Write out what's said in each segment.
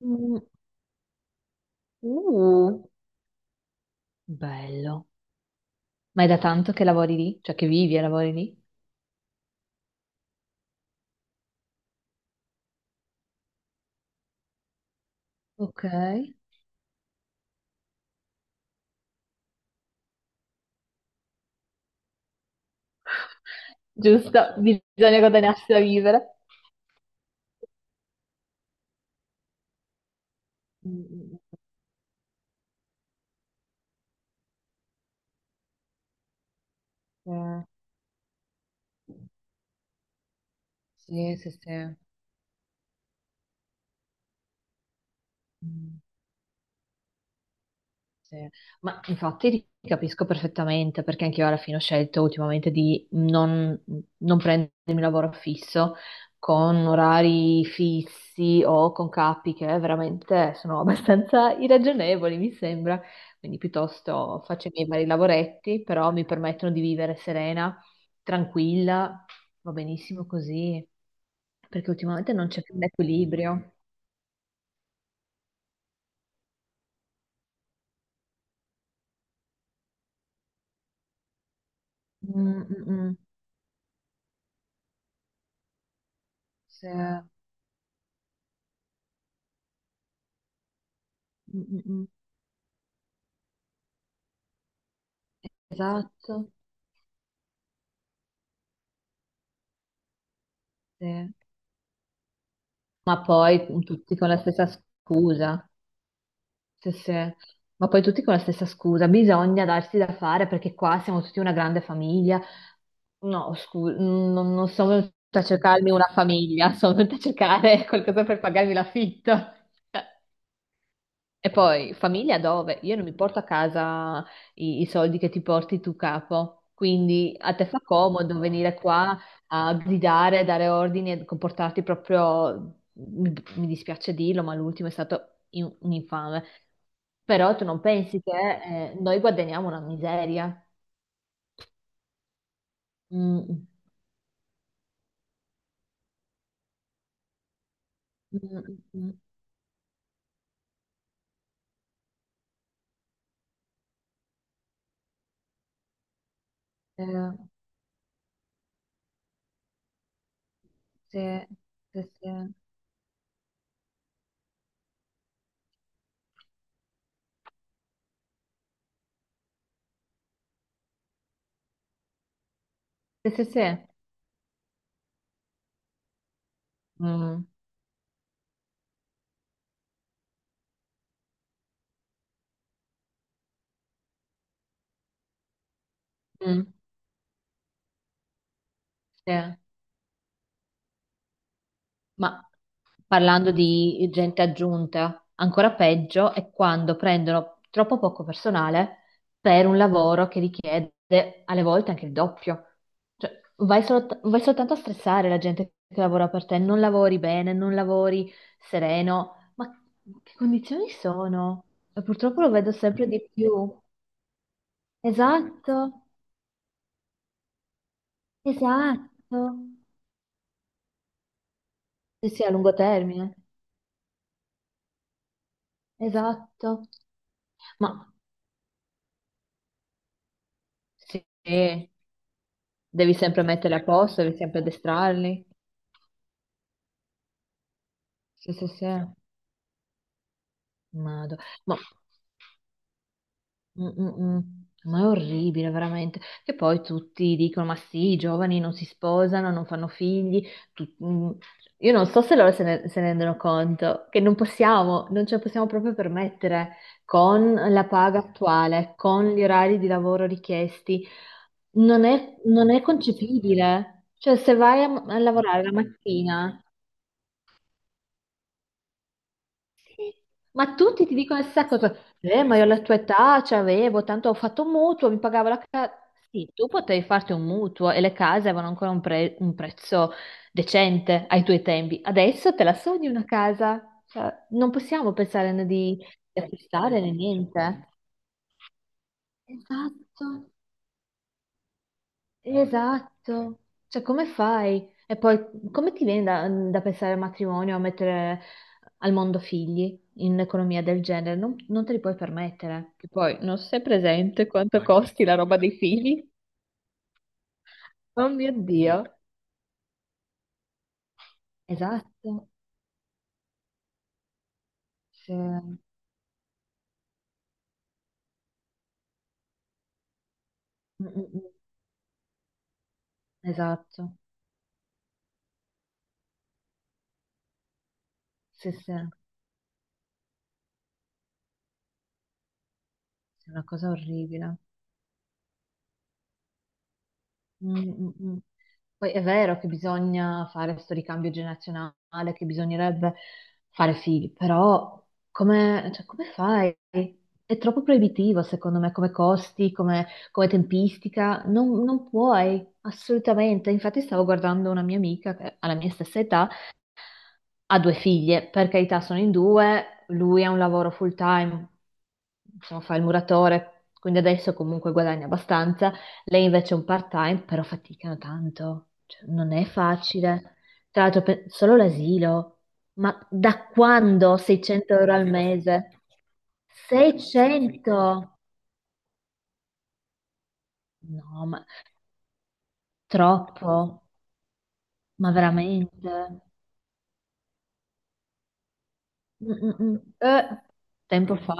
Mm. Uh, Bello. Ma è da tanto che lavori lì? Cioè che vivi e lavori lì? Ok, giusto, bisogna guadagnarsi da vivere. Mm, mm, mm. Sì, sì, sì. Mm. Sì. Ma infatti ti capisco perfettamente perché anche io alla fine ho scelto ultimamente di non prendermi lavoro fisso con orari fissi o con capi che veramente sono abbastanza irragionevoli, mi sembra. Quindi piuttosto faccio i miei vari lavoretti, però mi permettono di vivere serena, tranquilla, va benissimo così, perché ultimamente non c'è più un equilibrio. Mm, mm, mm. Sì. Mm, mm, mm. Esatto. Sì. Ma poi tutti con la stessa scusa. Sì, sì. Ma poi tutti con la stessa scusa. Bisogna darsi da fare perché qua siamo tutti una grande famiglia. No, scusa, non sono venuta a cercarmi una famiglia, sono venuta a cercare qualcosa per pagarmi l'affitto. E poi famiglia dove? Io non mi porto a casa i soldi che ti porti tu capo, quindi a te fa comodo venire qua a gridare, a dare ordini e comportarti proprio, mi dispiace dirlo, ma l'ultimo è stato un infame. Però tu non pensi che noi guadagniamo una miseria? Mm, mm, mm, mm. Eh, sì, sì, sì. Sì, sì, sì. Mm, mm, sì. Ma parlando di gente aggiunta, ancora peggio è quando prendono troppo poco personale per un lavoro che richiede alle volte anche il doppio. Cioè, vai, vai soltanto a stressare la gente che lavora per te, non lavori bene, non lavori sereno. Ma che condizioni sono? E purtroppo lo vedo sempre di più. Esatto, esatto. Sì, sì, a lungo termine. Esatto. Ma sì. Devi sempre metterli a posto, devi sempre addestrarli. Sì, sì, sì. Mado. Ma, mm, mm, mm. Ma è orribile, veramente. Che poi tutti dicono: ma sì, i giovani non si sposano, non fanno figli. Mm. Io non so se loro se ne rendono conto, che non possiamo, non ce la possiamo proprio permettere con la paga attuale, con gli orari di lavoro richiesti. Non è concepibile. Cioè, se vai a lavorare la mattina. Ma tutti ti dicono la stessa cosa. Ma io alla tua età c'avevo, tanto ho fatto un mutuo, mi pagavo la casa. Sì, tu potevi farti un mutuo e le case avevano ancora un prezzo decente ai tuoi tempi. Adesso te la sogni una casa? Cioè, non possiamo pensare né di acquistare né niente. Esatto. Esatto, cioè come fai? E poi come ti viene da pensare al matrimonio, a mettere al mondo figli in un'economia del genere? Non te li puoi permettere. Che poi non sei presente quanto. Ma che costi la roba schifo dei figli? Oh mio Dio. Esatto, sì. Mm, mm, mm. Esatto, sì, sì, sì, è una cosa orribile. Mm, mm, mm. Poi è vero che bisogna fare questo ricambio generazionale, che bisognerebbe fare figli, però come, cioè, come fai? È troppo proibitivo, secondo me, come costi, come tempistica. Non puoi, assolutamente. Infatti stavo guardando una mia amica che ha la mia stessa età, ha due figlie, per carità sono in due, lui ha un lavoro full time, insomma fa il muratore, quindi adesso comunque guadagna abbastanza, lei invece è un part time, però faticano tanto, cioè, non è facile. Tra l'altro solo l'asilo, ma da quando 600 euro al mese? 600? No, ma troppo, ma veramente? Mm, mm, mm. Tempo fa.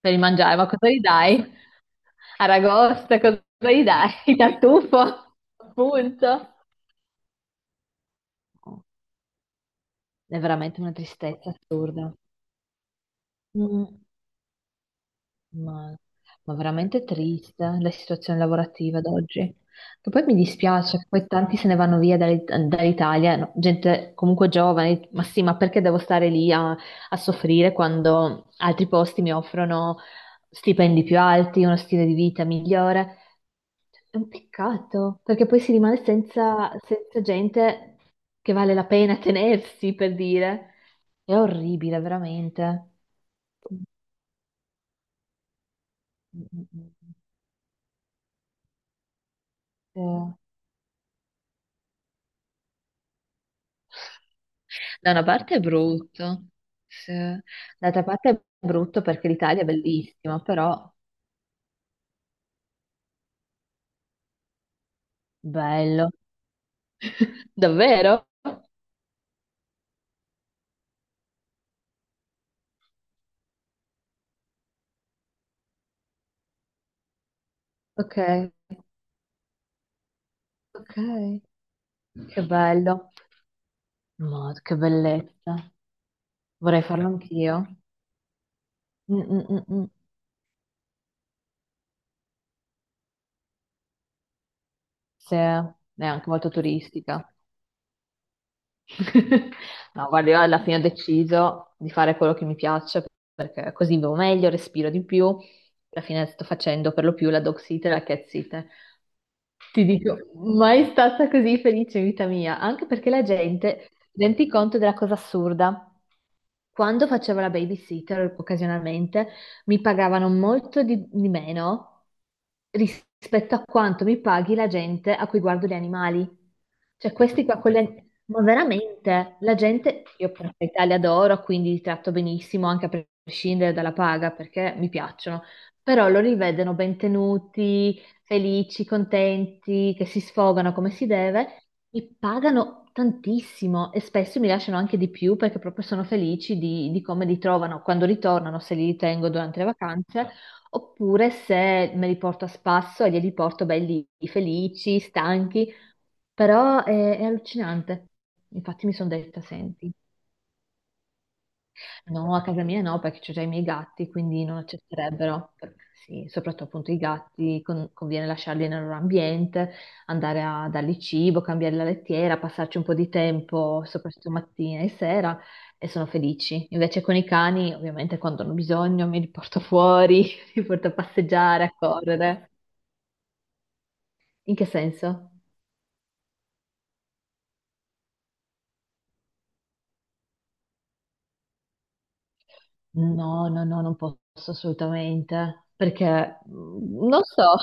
Per il mangiare, ma cosa gli dai? Aragosta, cosa gli dai? Tartufo, appunto. È veramente una tristezza assurda. Mm, ma, ma veramente triste la situazione lavorativa ad oggi. Che poi mi dispiace, poi tanti se ne vanno via dall'Italia, no, gente comunque giovane, ma sì, ma perché devo stare lì a soffrire quando altri posti mi offrono stipendi più alti, uno stile di vita migliore? È un peccato, perché poi si rimane senza gente che vale la pena tenersi, per dire. È orribile, veramente. Mm, mm, mm, mm. Eh. Da una parte è brutto, sì. D'altra parte è brutto perché l'Italia è bellissima, però bello. Davvero? Ok, ok, che bello. Mod, che bellezza. Vorrei farlo anch'io. Mm, mm, mm, mm. Sì, è anche molto turistica. No, guarda, io alla fine ho deciso di fare quello che mi piace perché così vivo meglio, respiro di più. Alla fine sto facendo per lo più la dog sitter e la cat sitter. Ti dico, mai stata così felice in vita mia, anche perché la gente rende conto della cosa assurda. Quando facevo la babysitter occasionalmente mi pagavano molto di meno rispetto a quanto mi paghi la gente a cui guardo gli animali. Cioè questi qua con gli ma veramente, la gente, io per carità li adoro, quindi li tratto benissimo anche a prescindere dalla paga perché mi piacciono, però loro li vedono ben tenuti, felici, contenti, che si sfogano come si deve, mi pagano tantissimo e spesso mi lasciano anche di più perché proprio sono felici di come li trovano quando ritornano, se li ritengo durante le vacanze, oppure se me li porto a spasso e li porto belli felici, stanchi, però è allucinante. Infatti mi sono detta, senti, no, a casa mia no, perché c'ho già i miei gatti, quindi non accetterebbero. Sì, soprattutto appunto i gatti, conviene lasciarli nel loro ambiente, andare a dargli cibo, cambiare la lettiera, passarci un po' di tempo, soprattutto mattina e sera, e sono felici. Invece con i cani, ovviamente, quando hanno bisogno, mi li porto fuori, li porto a passeggiare, a correre. In che senso? No, no, no, non posso assolutamente, perché non so.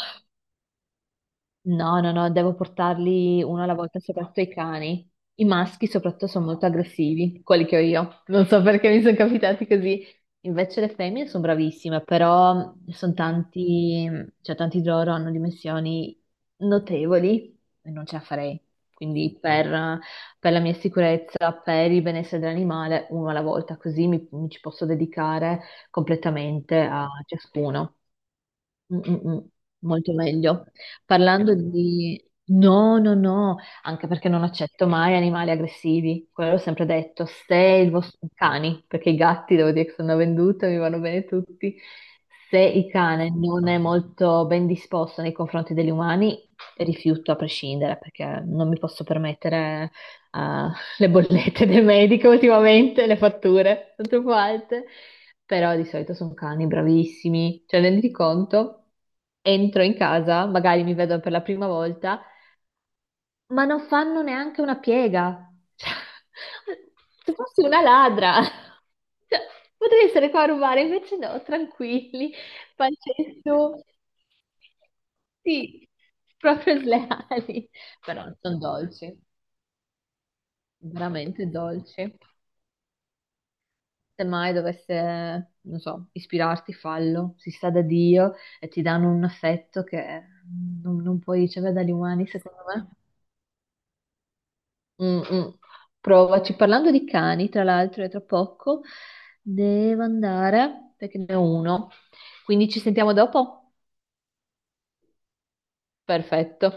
No, no, no, devo portarli uno alla volta, soprattutto i cani. I maschi soprattutto sono molto aggressivi, quelli che ho io. Non so perché mi sono capitati così. Invece le femmine sono bravissime, però sono tanti, cioè tanti di loro hanno dimensioni notevoli e non ce la farei. Quindi per la mia sicurezza, per il benessere dell'animale, uno alla volta, così mi ci posso dedicare completamente a ciascuno. Mm, mm, mm. Molto meglio. Parlando di... no, no, no, anche perché non accetto mai animali aggressivi. Quello ho sempre detto, se i vostri cani, perché i gatti devo dire che sono venduta, mi vanno bene tutti, se il cane non è molto ben disposto nei confronti degli umani, rifiuto a prescindere, perché non mi posso permettere eh, le bollette del medico ultimamente, le fatture sono troppo alte, però di solito sono cani bravissimi, cioè renditi conto, entro in casa, magari mi vedono per la prima volta, ma non fanno neanche una piega, cioè, se fossi una ladra, cioè, potrei essere qua a rubare, invece no, tranquilli, pancia in su, sì, proprio sleali, però sono dolci, veramente dolci. Se mai dovesse, non so, ispirarti, fallo, si sa da Dio e ti danno un affetto che non puoi ricevere dagli umani, secondo me. Mm, mm. Provaci. Parlando di cani, tra l'altro, è tra poco, devo andare perché ne ho uno. Quindi ci sentiamo dopo? Perfetto.